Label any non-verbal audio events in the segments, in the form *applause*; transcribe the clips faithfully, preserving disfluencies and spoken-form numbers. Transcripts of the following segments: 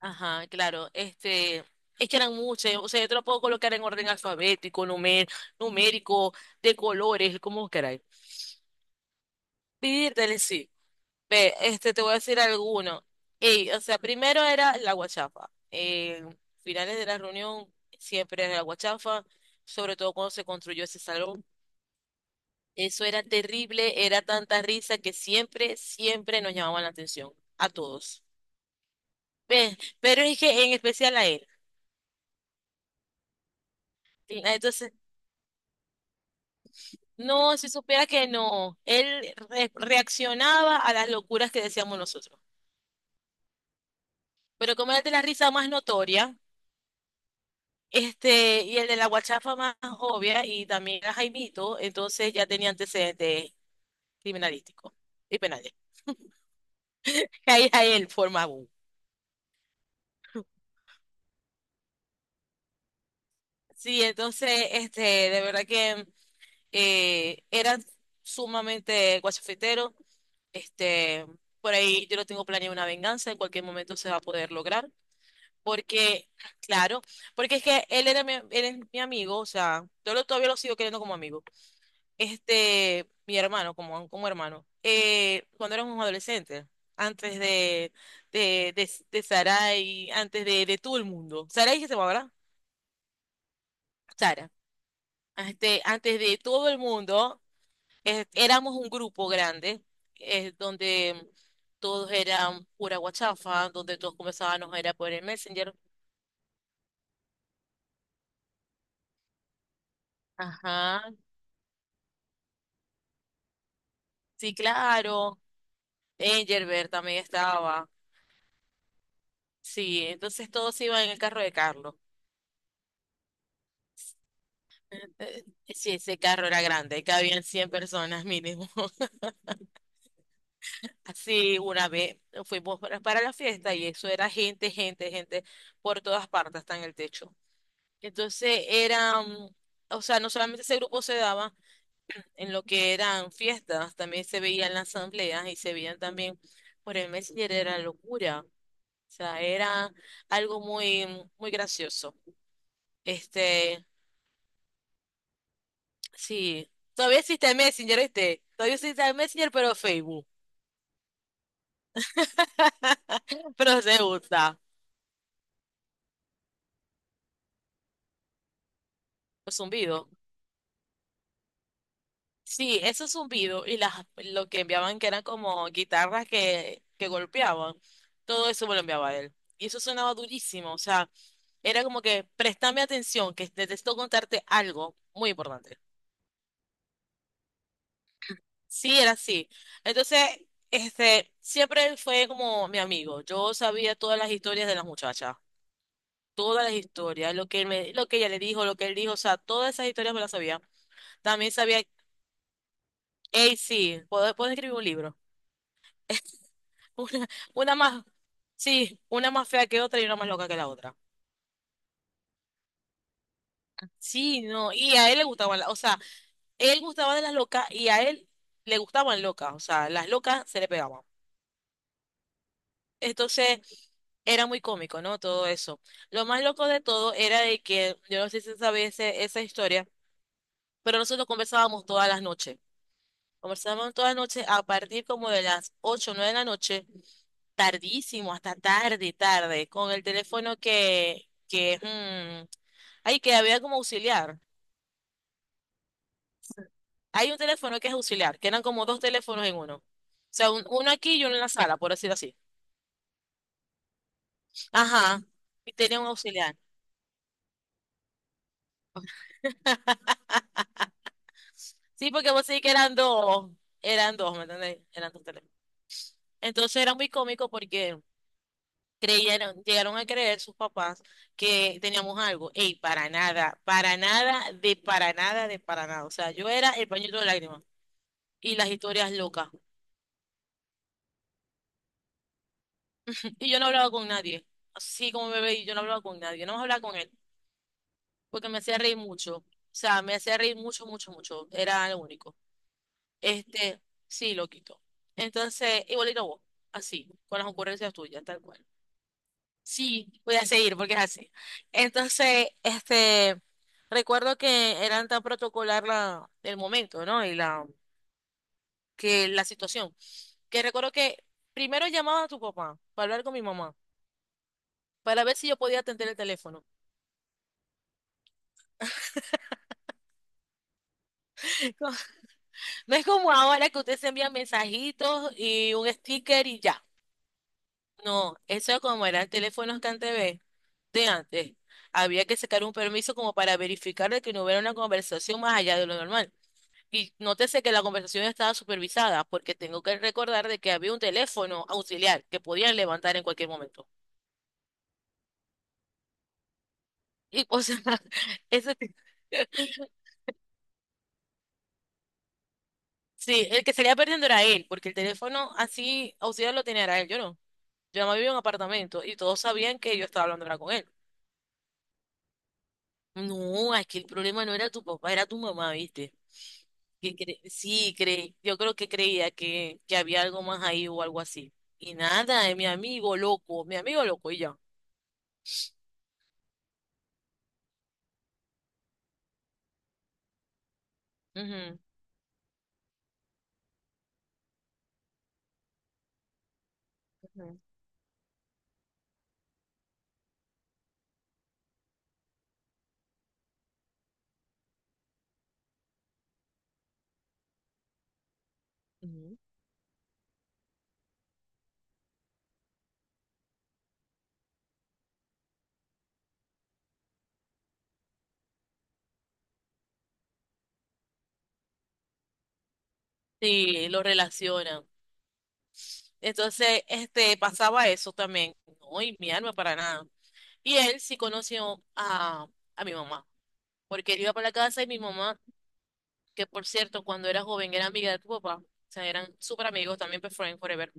Ajá, claro. Este, es que eran muchas. O sea, yo te lo puedo colocar en orden alfabético, numer- numérico, de colores, como queráis. Pídele, sí. Ve, este, te voy a decir alguno. Ey, o sea, primero era la guachafa. Eh, finales de la reunión siempre era la guachafa, sobre todo cuando se construyó ese salón. Eso era terrible, era tanta risa que siempre, siempre nos llamaban la atención, a todos. Ve, pero es que en especial a él. Sí. Entonces, no, si supiera que no. Él re- reaccionaba a las locuras que decíamos nosotros. Pero como era el de la risa más notoria, este, y el de la guachafa más obvia, y también era Jaimito, entonces ya tenía antecedentes criminalísticos y penales. *laughs* Ahí a él formaba un. Sí, entonces, este, de verdad que eh, era sumamente guachafetero. Este, por ahí yo lo tengo planeado una venganza, en cualquier momento se va a poder lograr. Porque, claro, porque es que él era mi, él es mi amigo, o sea, yo lo- todavía lo sigo queriendo como amigo. Este, mi hermano, como, como hermano. Eh, cuando éramos adolescentes, antes de, de, de, de Sarai, antes de, de todo el mundo. Sarai que se llama, ¿verdad? Sara. Este, antes de todo el mundo, eh, éramos un grupo grande, eh, donde todos eran pura guachafa, donde todos comenzábamos era por el Messenger. Ajá, sí, claro. Engelbert también estaba. Sí, entonces todos iban en el carro de Carlos. Eh, Sí, ese carro era grande, cabían cien personas mínimo. *laughs* Así una vez fuimos para, para la fiesta y eso era gente, gente, gente por todas partes, hasta en el techo. Entonces era, mm, o sea, no solamente ese grupo se daba en lo que eran fiestas, también se veían las asambleas y se veían también por el Messenger, era locura. O sea, era algo muy, muy gracioso. Este, Sí, todavía existe Messenger, ¿viste? Todavía existe Messenger, pero Facebook. Pero se usa. Los zumbidos. Sí, esos zumbidos y las, lo que enviaban que eran como guitarras que, que golpeaban. Todo eso me lo enviaba él. Y eso sonaba durísimo. O sea, era como que préstame atención, que necesito contarte algo muy importante. Sí, era así. Entonces, este, siempre él fue como mi amigo. Yo sabía todas las historias de las muchachas. Todas las historias, lo que él me, lo que ella le dijo, lo que él dijo, o sea, todas esas historias me las sabía. También sabía, hey, sí, puedo, puedo escribir un libro. *laughs* Una, una más, sí, una más fea que otra y una más loca que la otra. Sí, no, y a él le gustaban, la- o sea, él gustaba de las locas y a él le gustaban locas, o sea, las locas se le pegaban. Entonces, era muy cómico, ¿no? Todo eso. Lo más loco de todo era de que, yo no sé si sabes esa historia, pero nosotros conversábamos todas las noches. Conversamos toda la noche a partir como de las ocho o nueve de la noche, tardísimo, hasta tarde, tarde, con el teléfono que, que, mm, ay, que había como auxiliar. Hay un teléfono que es auxiliar, que eran como dos teléfonos en uno. O sea, un- uno aquí y uno en la sala, por decirlo así. Ajá, y tenía un auxiliar. Sí, porque vos sí que eran dos, eran dos, ¿me entendés? Eran dos teléfonos. Entonces era muy cómico porque... creyeron, llegaron a creer sus papás que teníamos algo. Ey, para nada, para nada, de para nada, de para nada. O sea, yo era el pañito de lágrimas y las historias locas. *laughs* Y yo no hablaba con nadie. Así como bebé, y yo no hablaba con nadie. No más hablaba con él porque me hacía reír mucho. O sea, me hacía reír mucho, mucho, mucho. Era lo único. Este, sí, loquito. Entonces, igualito a vos, así, con las ocurrencias tuyas, tal cual. Sí, voy a seguir porque es así. Entonces, este, recuerdo que eran tan protocolar la, el momento, ¿no? Y la, que la situación. Que recuerdo que primero llamaba a tu papá para hablar con mi mamá, para ver si yo podía atender el teléfono. *laughs* No es como ahora que usted se envía mensajitos y un sticker y ya. No, eso como eran teléfonos que antes ve- de antes. Había que sacar un permiso como para verificar de que no hubiera una conversación más allá de lo normal. Y nótese que la conversación estaba supervisada, porque tengo que recordar de que había un teléfono auxiliar que podían levantar en cualquier momento. Y, o sea, *laughs* ese, t- *laughs* sí, el que salía perdiendo era él, porque el teléfono así auxiliar lo tenía era él, yo no. Yo no vivía en un apartamento y todos sabían que yo estaba hablando era con él. No, es que el problema no era tu papá, era tu mamá, ¿viste? Que cre- sí, creí, yo creo que creía que, que había algo más ahí o algo así. Y nada, eh, mi amigo loco, mi amigo loco y ya. Ujú. Ujú. Sí, lo relacionan. Entonces, este, pasaba eso también. No, y mi alma para nada. Y él sí conoció a, a mi mamá, porque él iba para la casa y mi mamá, que por cierto, cuando era joven era amiga de tu papá, o sea, eran súper amigos, también best friend forever.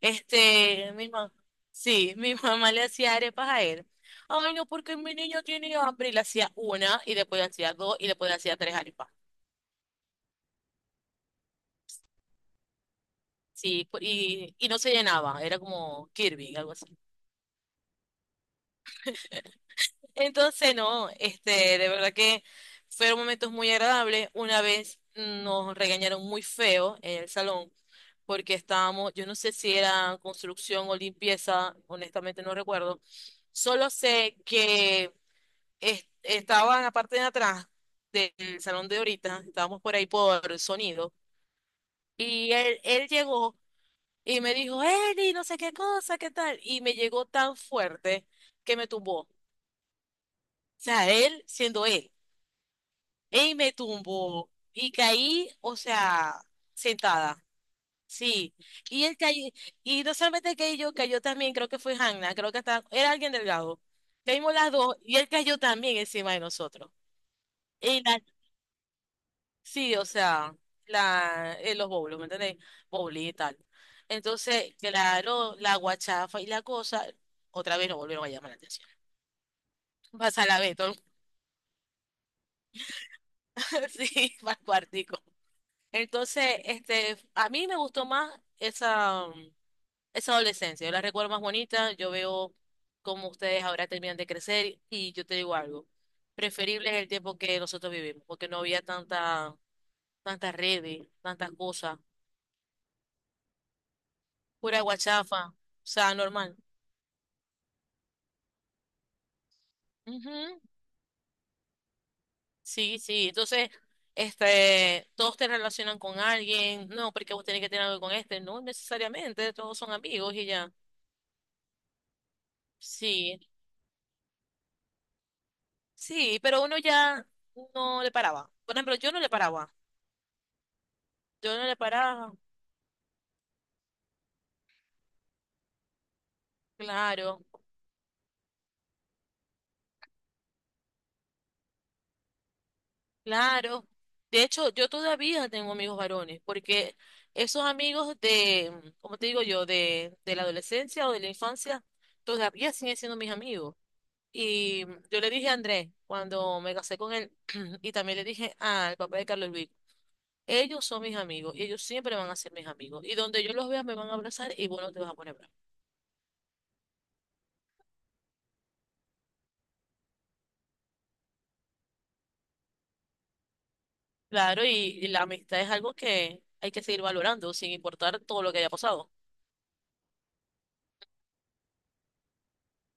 Este, mi mamá, sí, *laughs* mi mamá le hacía arepas a él. Ay, no, porque mi niño tiene hambre. Y le hacía una, y después le hacía dos, y después le hacía tres arepas. Sí, y, y no se llenaba, era como Kirby, algo así. Entonces, no, este, de verdad que fueron momentos muy agradables. Una vez nos regañaron muy feo en el salón porque estábamos, yo no sé si era construcción o limpieza, honestamente no recuerdo. Solo sé que es- estaba en la parte de atrás del salón de ahorita, estábamos por ahí por el sonido y él, él llegó y me dijo, Eli, no sé qué cosa, qué tal, y me llegó tan fuerte que me tumbó. O sea, él siendo él. Y me tumbó y caí, o sea, sentada. Sí. Y él cayó, y no solamente caí yo, cayó también, creo que fue Hanna, creo que hasta era alguien delgado. Caímos las dos y él cayó también encima de nosotros. Y la, sí, o sea, la, en los bowls, ¿me entendés? Bowling y tal. Entonces, claro, la guachafa y la cosa, otra vez nos volvieron a llamar la atención. Vas a la vez, *laughs* todo sí, para el cuartico. Entonces, este, a mí me gustó más esa, mm, esa adolescencia. Yo la recuerdo más bonita. Yo veo cómo ustedes ahora terminan de crecer y yo te digo algo. Preferible es el tiempo que nosotros vivimos, porque no había tanta, tantas redes, tantas cosas, pura guachafa, o sea, normal. Ujú, sí, sí. Entonces, este, todos te relacionan con alguien. No, porque vos tenés que tener algo con este. No necesariamente, todos son amigos y ya. Sí, sí, pero uno ya no le paraba. Por ejemplo, yo no le paraba. Yo no le paraba. Claro, claro. De hecho, yo todavía tengo amigos varones, porque esos amigos de, como te digo yo, de, de la adolescencia o de la infancia, todavía siguen siendo mis amigos. Y yo le dije a Andrés, cuando me casé con él, *clears throat* y también le dije al papá de Carlos Luis, ellos son mis amigos y ellos siempre van a ser mis amigos. Y donde yo los vea me van a abrazar y vos no te vas a poner bravo. Claro, y, y la amistad es algo que hay que seguir valorando, sin importar todo lo que haya pasado.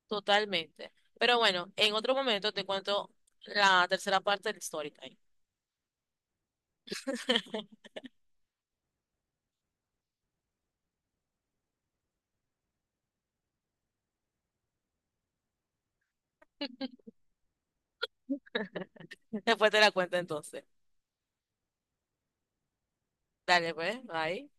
Totalmente. Pero bueno, en otro momento te cuento la tercera parte del story time. *laughs* Después te la cuento entonces. Dale, pues, bye.